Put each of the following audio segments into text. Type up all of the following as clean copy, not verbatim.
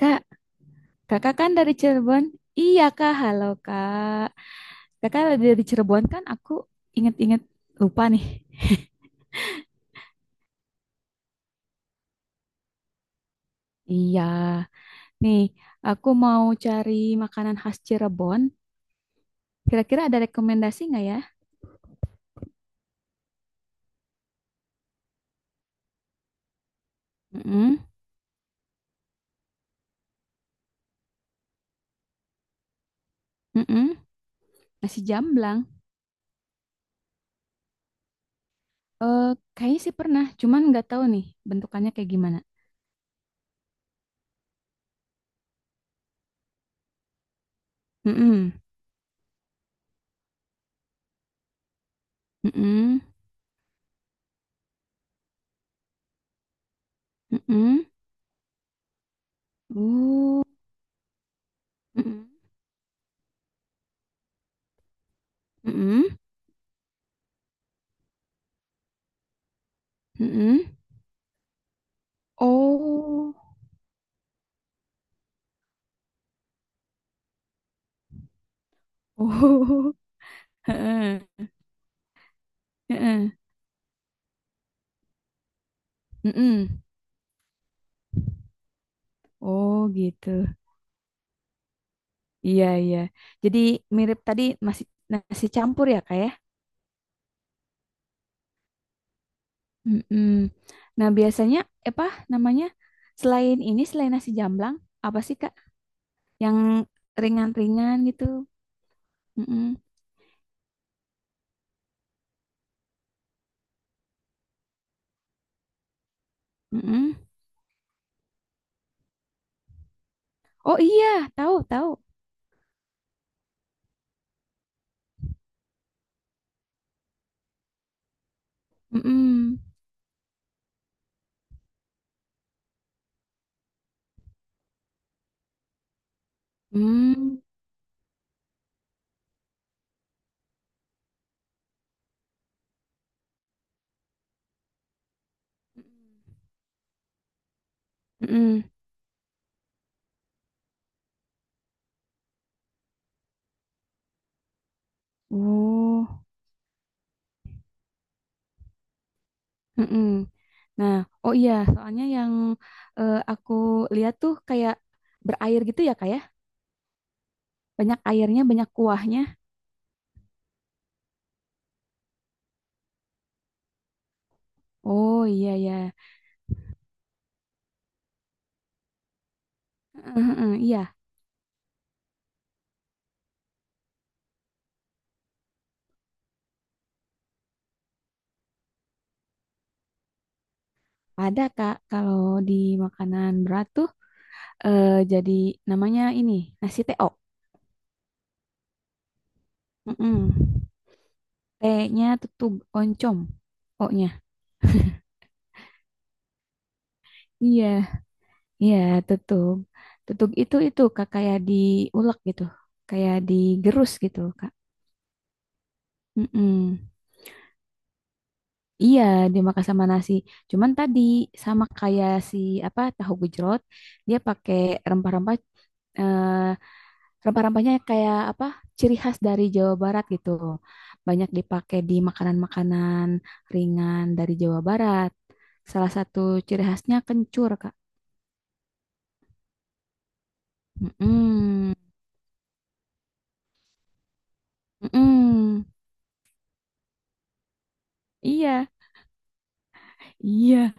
Kak, kakak kan dari Cirebon? Iya kak, halo kak. Kakak dari Cirebon kan aku inget-inget lupa nih. Iya, nih aku mau cari makanan khas Cirebon. Kira-kira ada rekomendasi nggak ya? Mm-mm, mm-mm. Nasi jamblang. Eh, kayaknya sih pernah, cuman nggak tahu nih bentukannya kayak gimana. Mm-mm, mm-mm, mm-mm. Oh, mm-mm, mm-mm, mm-mm. Oh, oh. Heeh, heeh, mm-mm. Oh gitu. Iya, iya. Jadi mirip tadi nasi nasi campur ya kak ya. Mm-mm. Nah, biasanya apa namanya selain nasi jamblang, apa sih kak yang ringan-ringan gitu? Mm-mm, mm-mm. Oh iya, tahu tahu. Mm-mm. Mm, mm-mm. Oh, mm-mm. Nah, oh iya soalnya aku lihat tuh kayak berair gitu ya kak ya? Banyak airnya, banyak kuahnya. Oh iya ya. Heeh, heeh, iya, ada Kak. Kalau di makanan berat tuh, jadi namanya ini nasi teo. Heeh. T-nya tutug oncom. O-nya. Iya, iya tutug. Tutug itu Kak kayak diulek gitu. Kayak digerus gitu, Kak. Heeh. Iya, dimakan sama nasi. Cuman tadi sama kayak si apa tahu gejrot, dia pakai rempah-rempah. eh, Rempah-rempahnya kayak apa? Ciri khas dari Jawa Barat gitu. Banyak dipakai di makanan-makanan ringan dari Jawa Barat. Salah satu ciri khasnya kencur, Kak. Mm-mm. Mm-mm. Iya, iya,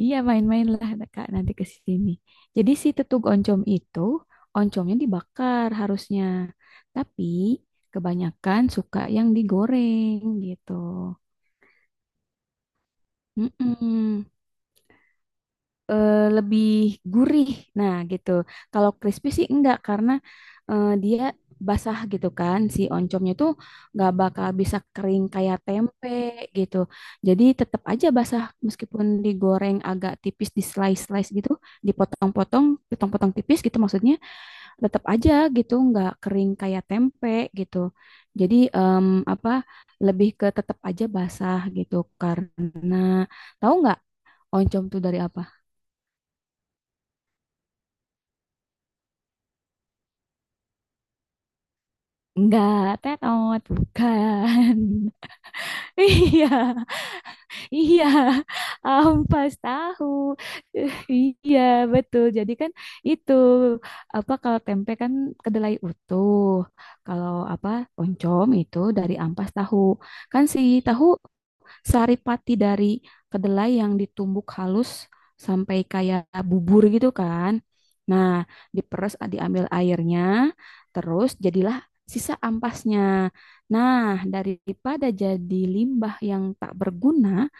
iya, main-mainlah Kak nanti ke sini. Jadi si tetug oncom itu oncomnya dibakar harusnya. Tapi kebanyakan suka yang digoreng gitu. Mm-mm. Lebih gurih. Nah, gitu. Kalau crispy sih enggak, karena dia basah gitu kan. Si oncomnya tuh nggak bakal bisa kering kayak tempe gitu. Jadi tetap aja basah meskipun digoreng agak tipis di slice-slice gitu, dipotong-potong, potong-potong tipis gitu maksudnya, tetap aja gitu nggak kering kayak tempe gitu. Jadi apa, lebih ke tetap aja basah gitu, karena tahu nggak oncom tuh dari apa? Enggak, terot, bukan. Iya, iya, ampas tahu. Eh, Iya, betul. Jadi kan itu apa, kalau tempe kan kedelai utuh. Kalau apa, oncom itu dari ampas tahu. Kan si tahu saripati dari kedelai yang ditumbuk halus sampai kayak bubur gitu kan. Nah, diperes diambil airnya, terus jadilah sisa ampasnya. Nah, daripada jadi limbah yang tak berguna,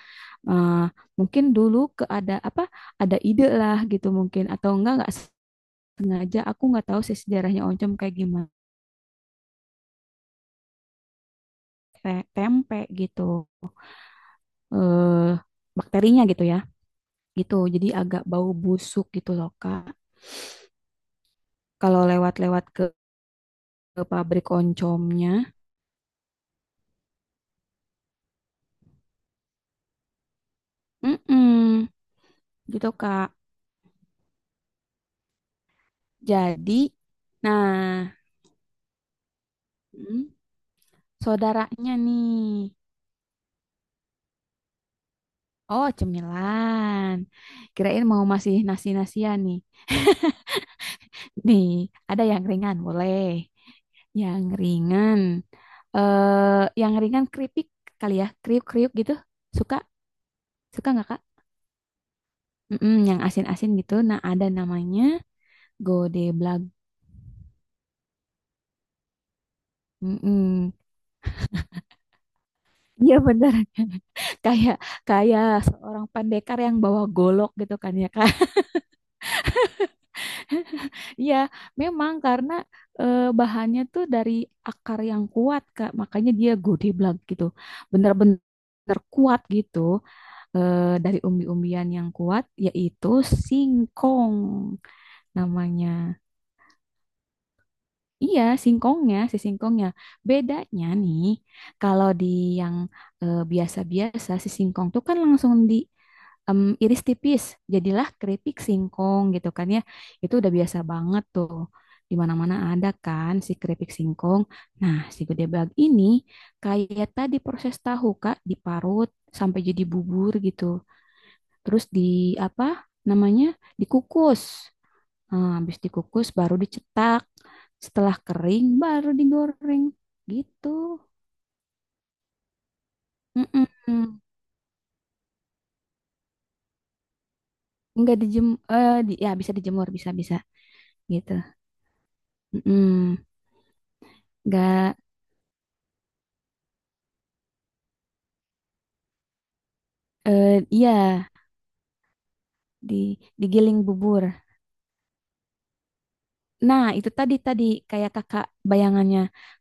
eh, mungkin dulu ke ada apa, ada ide lah gitu, mungkin atau enggak sengaja, aku nggak tahu sih sejarahnya oncom kayak gimana tempe gitu. Eh, bakterinya gitu ya. Gitu. Jadi agak bau busuk gitu loh, Kak. Kalau lewat-lewat ke pabrik oncomnya, mm-mm, gitu, Kak. Jadi, nah, mm, saudaranya nih, oh cemilan. Kirain mau masih nasi-nasian nih. Nih, ada yang ringan, boleh. Yang ringan, yang ringan keripik kali ya, kriuk-kriuk gitu. Suka, suka nggak, Kak? Mm-mm, yang asin-asin gitu. Nah, ada namanya Godeblag, blag. Mm-mm. Iya bener. kayak kayak seorang pendekar yang bawa golok gitu kan ya Kak. Iya, memang karena bahannya tuh dari akar yang kuat Kak, makanya dia godeblag gitu. Bener-bener kuat gitu, dari umbi-umbian yang kuat yaitu singkong namanya. Iya, singkongnya, si singkongnya. Bedanya nih, kalau di yang biasa-biasa, si singkong tuh kan langsung di iris tipis, jadilah keripik singkong gitu kan ya. Itu udah biasa banget tuh. Di mana-mana ada kan si keripik singkong. Nah, si gede bag ini kayak tadi proses tahu Kak, diparut sampai jadi bubur gitu. Terus di apa namanya? Dikukus. Nah, habis dikukus baru dicetak. Setelah kering baru digoreng. Gitu. Mm-mm. Nggak ya bisa dijemur, bisa bisa gitu. Mm-mm. Nggak, iya, di digiling bubur. Nah, itu tadi tadi kayak kakak bayangannya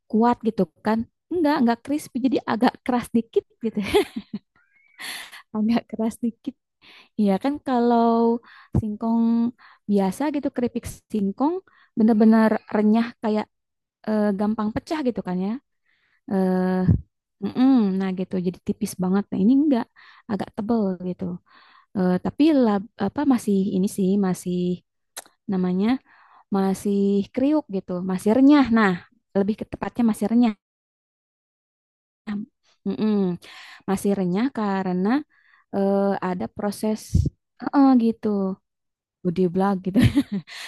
kuat gitu kan. Enggak crispy, jadi agak keras dikit gitu, agak keras dikit. Iya kan kalau singkong biasa gitu, keripik singkong bener-bener renyah, kayak gampang pecah gitu kan ya. Eh, mm-mm, nah gitu, jadi tipis banget. Nah, ini enggak, agak tebel gitu. Tapi apa, masih ini sih, masih namanya masih kriuk gitu, masih renyah. Nah, lebih ke tepatnya masih renyah. Mm-mm, masih renyah karena eh, ada proses, gitu. Gede blag gitu.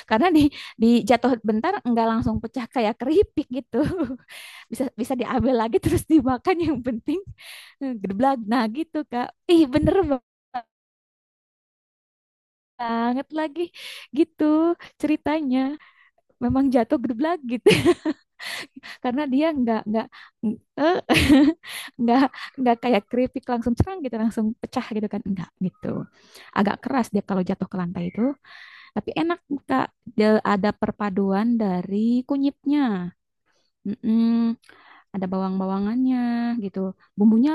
Karena di jatuh bentar nggak langsung pecah kayak keripik gitu. Bisa bisa diambil lagi terus dimakan, yang penting gede blag. Nah, gitu, Kak. Ih, bener banget lagi gitu ceritanya. Memang jatuh gede blag gitu. Karena dia nggak eh, nggak nggak kayak keripik langsung cerang gitu, langsung pecah gitu kan. Enggak gitu. Agak keras dia kalau jatuh ke lantai itu, tapi enak, Kak. Dia ada perpaduan dari kunyitnya. Mm-mm, ada bawang-bawangannya gitu. Bumbunya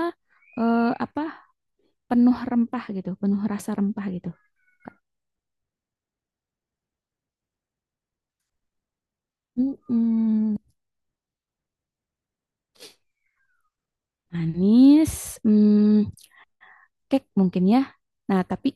apa? Penuh rempah gitu, penuh rasa rempah gitu. Mm-mm, manis, mm, cake mungkin ya. Nah, tapi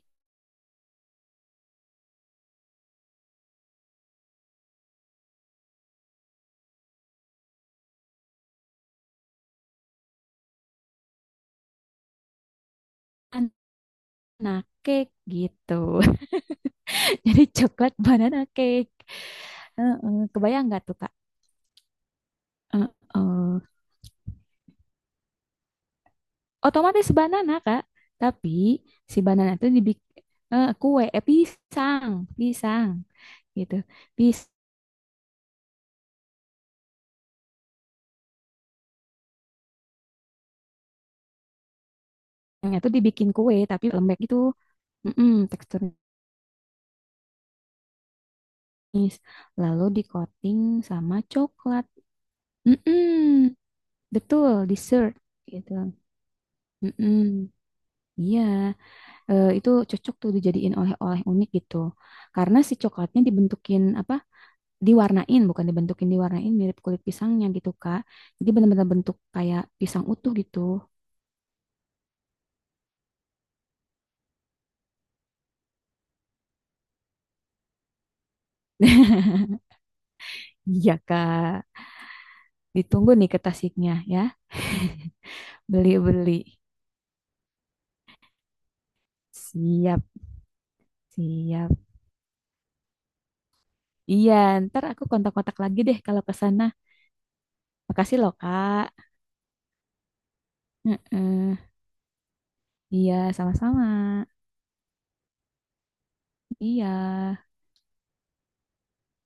banana cake gitu. Jadi coklat banana cake. Heeh, kebayang nggak tuh, Kak? Heeh. Otomatis banana, Kak. Tapi si banana itu dibikin kue, pisang, pisang gitu. Yang tuh dibikin kue tapi lembek gitu. Mm-mm, teksturnya manis. Lalu di coating sama coklat. Mm-mm, betul, dessert gitu. Mm-mm, iya. Itu cocok tuh dijadiin oleh-oleh unik gitu. Karena si coklatnya dibentukin apa? Diwarnain, bukan dibentukin, diwarnain mirip kulit pisangnya gitu, Kak. Jadi benar-benar bentuk kayak pisang utuh gitu. Iya, Kak. Ditunggu nih ke Tasiknya ya. Beli-beli. Siap, siap. Iya, ntar aku kontak-kontak lagi deh kalau ke sana. Makasih loh, Kak. Heeh. Iya, sama-sama. Iya.